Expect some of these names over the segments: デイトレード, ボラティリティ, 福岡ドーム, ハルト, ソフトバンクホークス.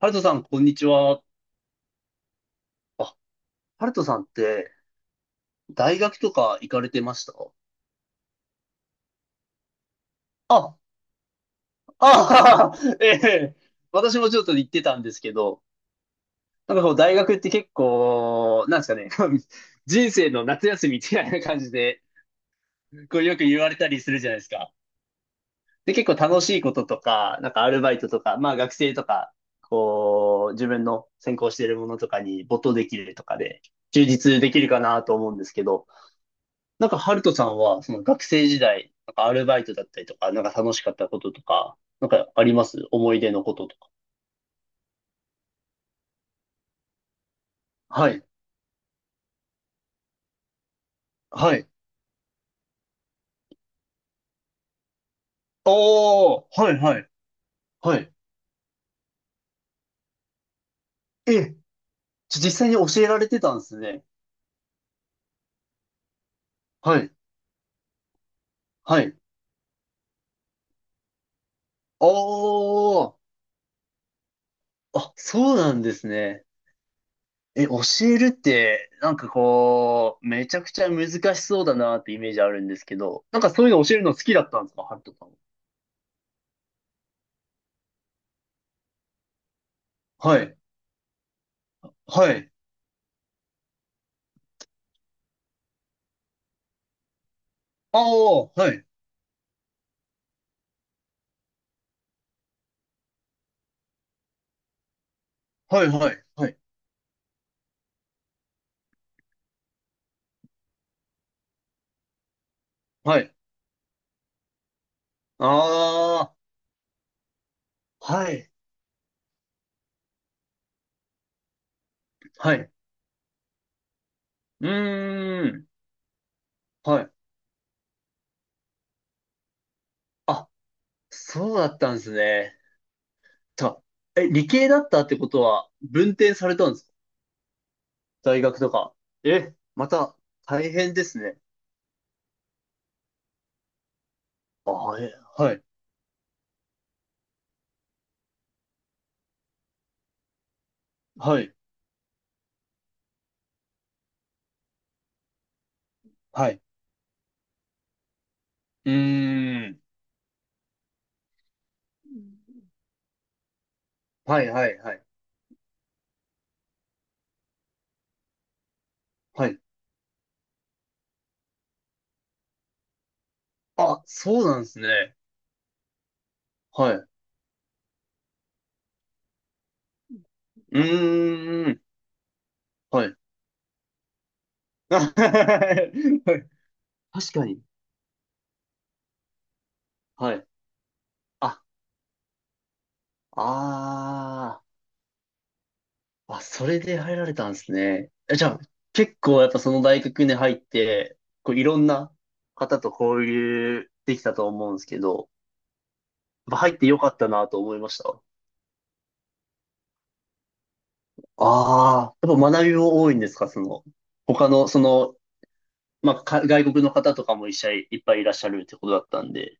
ハルトさん、こんにちは。あ、ハルトさんって、大学とか行かれてました？あ、ああ、 ええ、私もちょっと行ってたんですけど、なんかこう、大学って結構、なんですかね、人生の夏休みみたいな感じで、こう、よく言われたりするじゃないですか。で、結構楽しいこととか、なんかアルバイトとか、まあ学生とか、こう、自分の専攻しているものとかに没頭できるとかで、充実できるかなと思うんですけど、なんか、ハルトさんは、その学生時代、なんかアルバイトだったりとか、なんか楽しかったこととか、なんかあります、思い出のこととか？はい。はい。おー、はいはい。はい。え、じゃ実際に教えられてたんですね。はい。はい。おー、あ、そうなんですね。え、教えるって、なんかこう、めちゃくちゃ難しそうだなってイメージあるんですけど、なんかそういうの教えるの好きだったんですか、ハルトさんは？はい。はい。あー、はい。はいはい。はい。はい。ああ、はい、はい。うーん、はい。あ、そうだったんですね。と、え、理系だったってことは、文転されたんですか、大学とか？え、また、大変ですね。あ、え、はい、はい、はい。うーん、ん、はい、はい、はい、はい。あ、そうなんですね。はい。うーん、はい。はい、確かに。はい。あ、ああ。あ、それで入られたんですね。え、じゃあ、結構やっぱその大学に入って、こういろんな方と交流できたと思うんですけど、やっぱ入ってよかったなと思いました。ああ、やっぱ学びも多いんですか、その、他の、その、まあ、か外国の方とかも一緒にいっぱいいらっしゃるってことだったんで。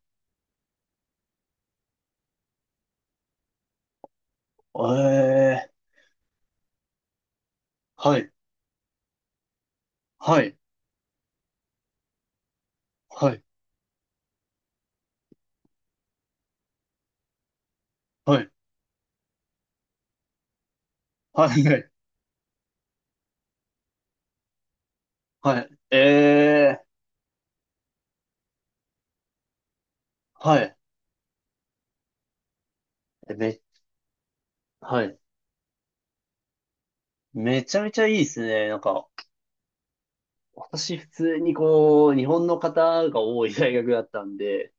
ええ、はい、はい、はい、はい、はい、はい、はい、ええ、はい、えめ、はい、めちゃめちゃいいですね、なんか。私普通にこう、日本の方が多い大学だったんで、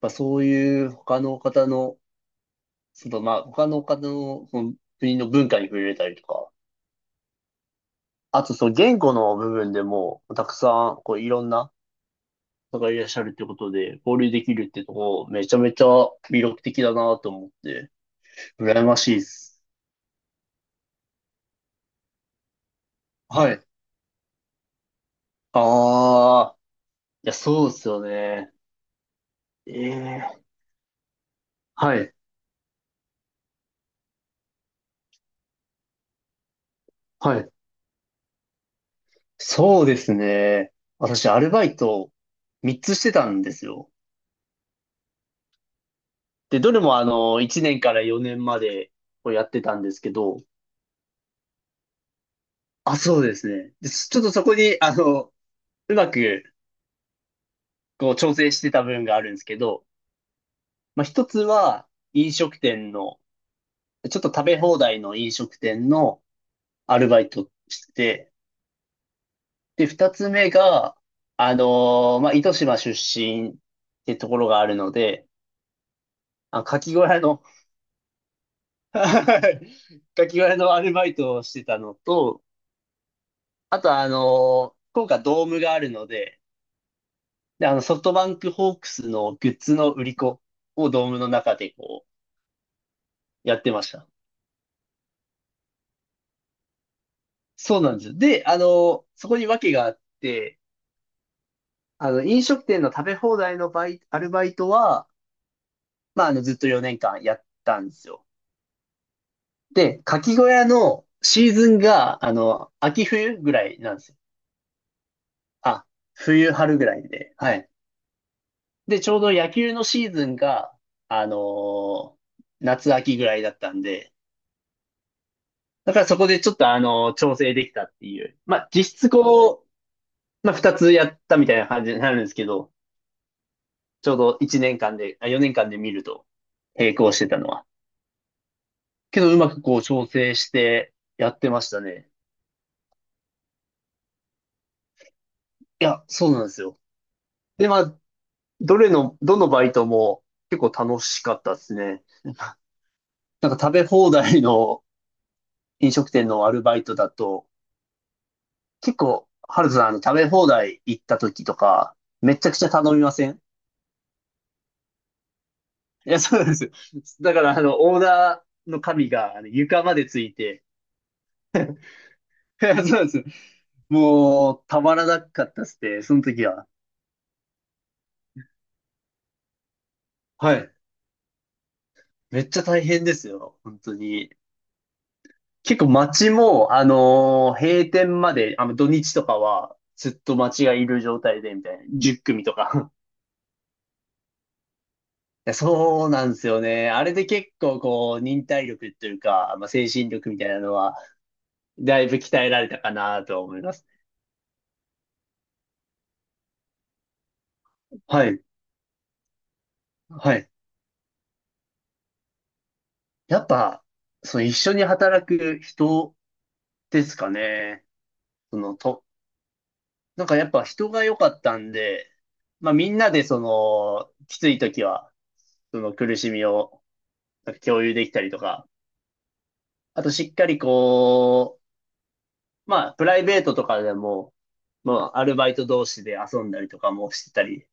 まあ、そういう他の方の、そのまあ他の方のその国の文化に触れたりとか、あとその言語の部分でも、たくさんこういろんな方がいらっしゃるってことで、交流できるってとこ、めちゃめちゃ魅力的だなと思って、羨ましいです。はい。ああ、いや、そうですよね。ええ、はい。はい。そうですね。私、アルバイト3つしてたんですよ。で、どれもあの、1年から4年までをやってたんですけど、あ、そうですね。で、ちょっとそこに、あの、うまく、こう、調整してた部分があるんですけど、まあ、一つは、飲食店の、ちょっと食べ放題の飲食店のアルバイトしてて、で、二つ目が、あのまあ、糸島出身ってところがあるので、あ、牡蠣小屋の、 はい。ガキ割りのアルバイトをしてたのと、あとはあの、福岡ドームがあるので、で、あの、ソフトバンクホークスのグッズの売り子をドームの中でこう、やってました。そうなんですよ。で、あの、そこに訳があって、あの、飲食店の食べ放題のアルバイトは、まあ、あの、ずっと4年間やったんですよ。で、かき小屋のシーズンが、あの、秋冬ぐらいなんですよ。あ、冬春ぐらいで。はい。で、ちょうど野球のシーズンが、あのー夏秋ぐらいだったんで、だからそこでちょっと調整できたっていう。まあ、実質こう、まあ、二つやったみたいな感じになるんですけど、ちょうど一年間で、あ、4年間で見ると、並行してたのは。けど、うまくこう調整してやってましたね。いや、そうなんですよ。で、まあ、どれの、どのバイトも結構楽しかったですね。なんか食べ放題の飲食店のアルバイトだと、結構、ハルさん、あの、食べ放題行った時とか、めちゃくちゃ頼みません？いや、そうなんですよ。だから、あの、オーダーの紙が、あの、床までついて、いや、そうなんですよ。もう、たまらなかったっすね、その時は。はい。めっちゃ大変ですよ、本当に。結構街も、閉店まで、あの、土日とかは、ずっと街がいる状態で、みたいな。10組とか。いや、そうなんですよね。あれで結構、こう、忍耐力というか、まあ、精神力みたいなのは、だいぶ鍛えられたかなと思います。はい。はい。やっぱ、その一緒に働く人ですかね。そのと、なんかやっぱ人が良かったんで、まあみんなでその、きつい時は、その苦しみをなんか共有できたりとか、あとしっかりこう、まあプライベートとかでも、まあアルバイト同士で遊んだりとかもしてたり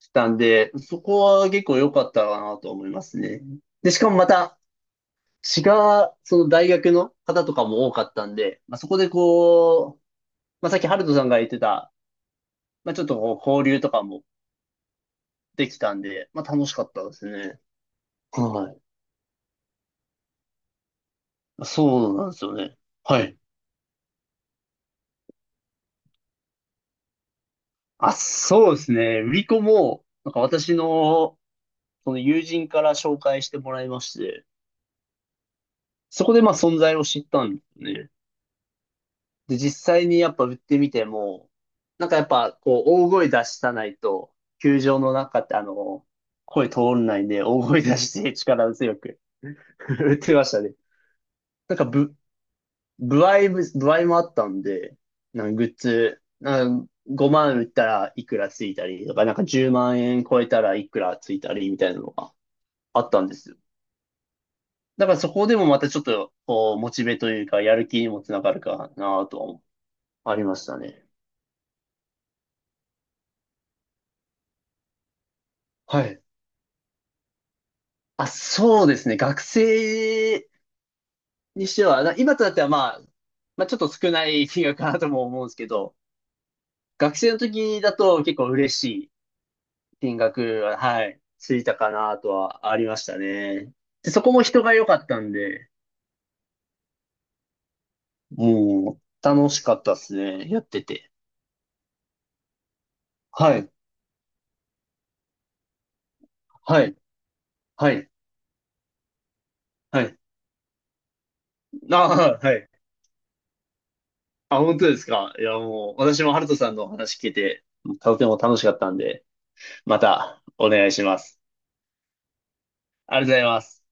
したんで、そこは結構良かったかなと思いますね。で、しかもまた、違う、その大学の方とかも多かったんで、まあ、そこでこう、まあ、さっきハルトさんが言ってた、まあ、ちょっとこう交流とかもできたんで、まあ、楽しかったですね。はい。そうなんですよね。はい。あ、そうですね。売り子も、なんか私の、その友人から紹介してもらいまして、そこでまあ存在を知ったんですね。で、実際にやっぱ売ってみても、なんかやっぱこう大声出したないと、球場の中ってあの、声通らないんで、大声出して力強く 売ってましたね。なんか歩合もあったんで、なんかグッズ、なんか5万売ったらいくらついたりとか、なんか10万円超えたらいくらついたりみたいなのがあったんですよ。だからそこでもまたちょっと、こう、モチベというか、やる気にもつながるかなとは思うありましたね。はい。あ、そうですね。学生にしては、な今となってはまあ、まあちょっと少ない金額かなとも思うんですけど、学生の時だと結構嬉しい金額は、はい、ついたかなとはありましたね。で、そこも人が良かったんで、もう楽しかったですね。やってて。はい、はい、はい、はい。あ、はい。あ、本当ですか。いや、もう私もハルトさんのお話聞けて、とても楽しかったんで、またお願いします。ありがとうございます。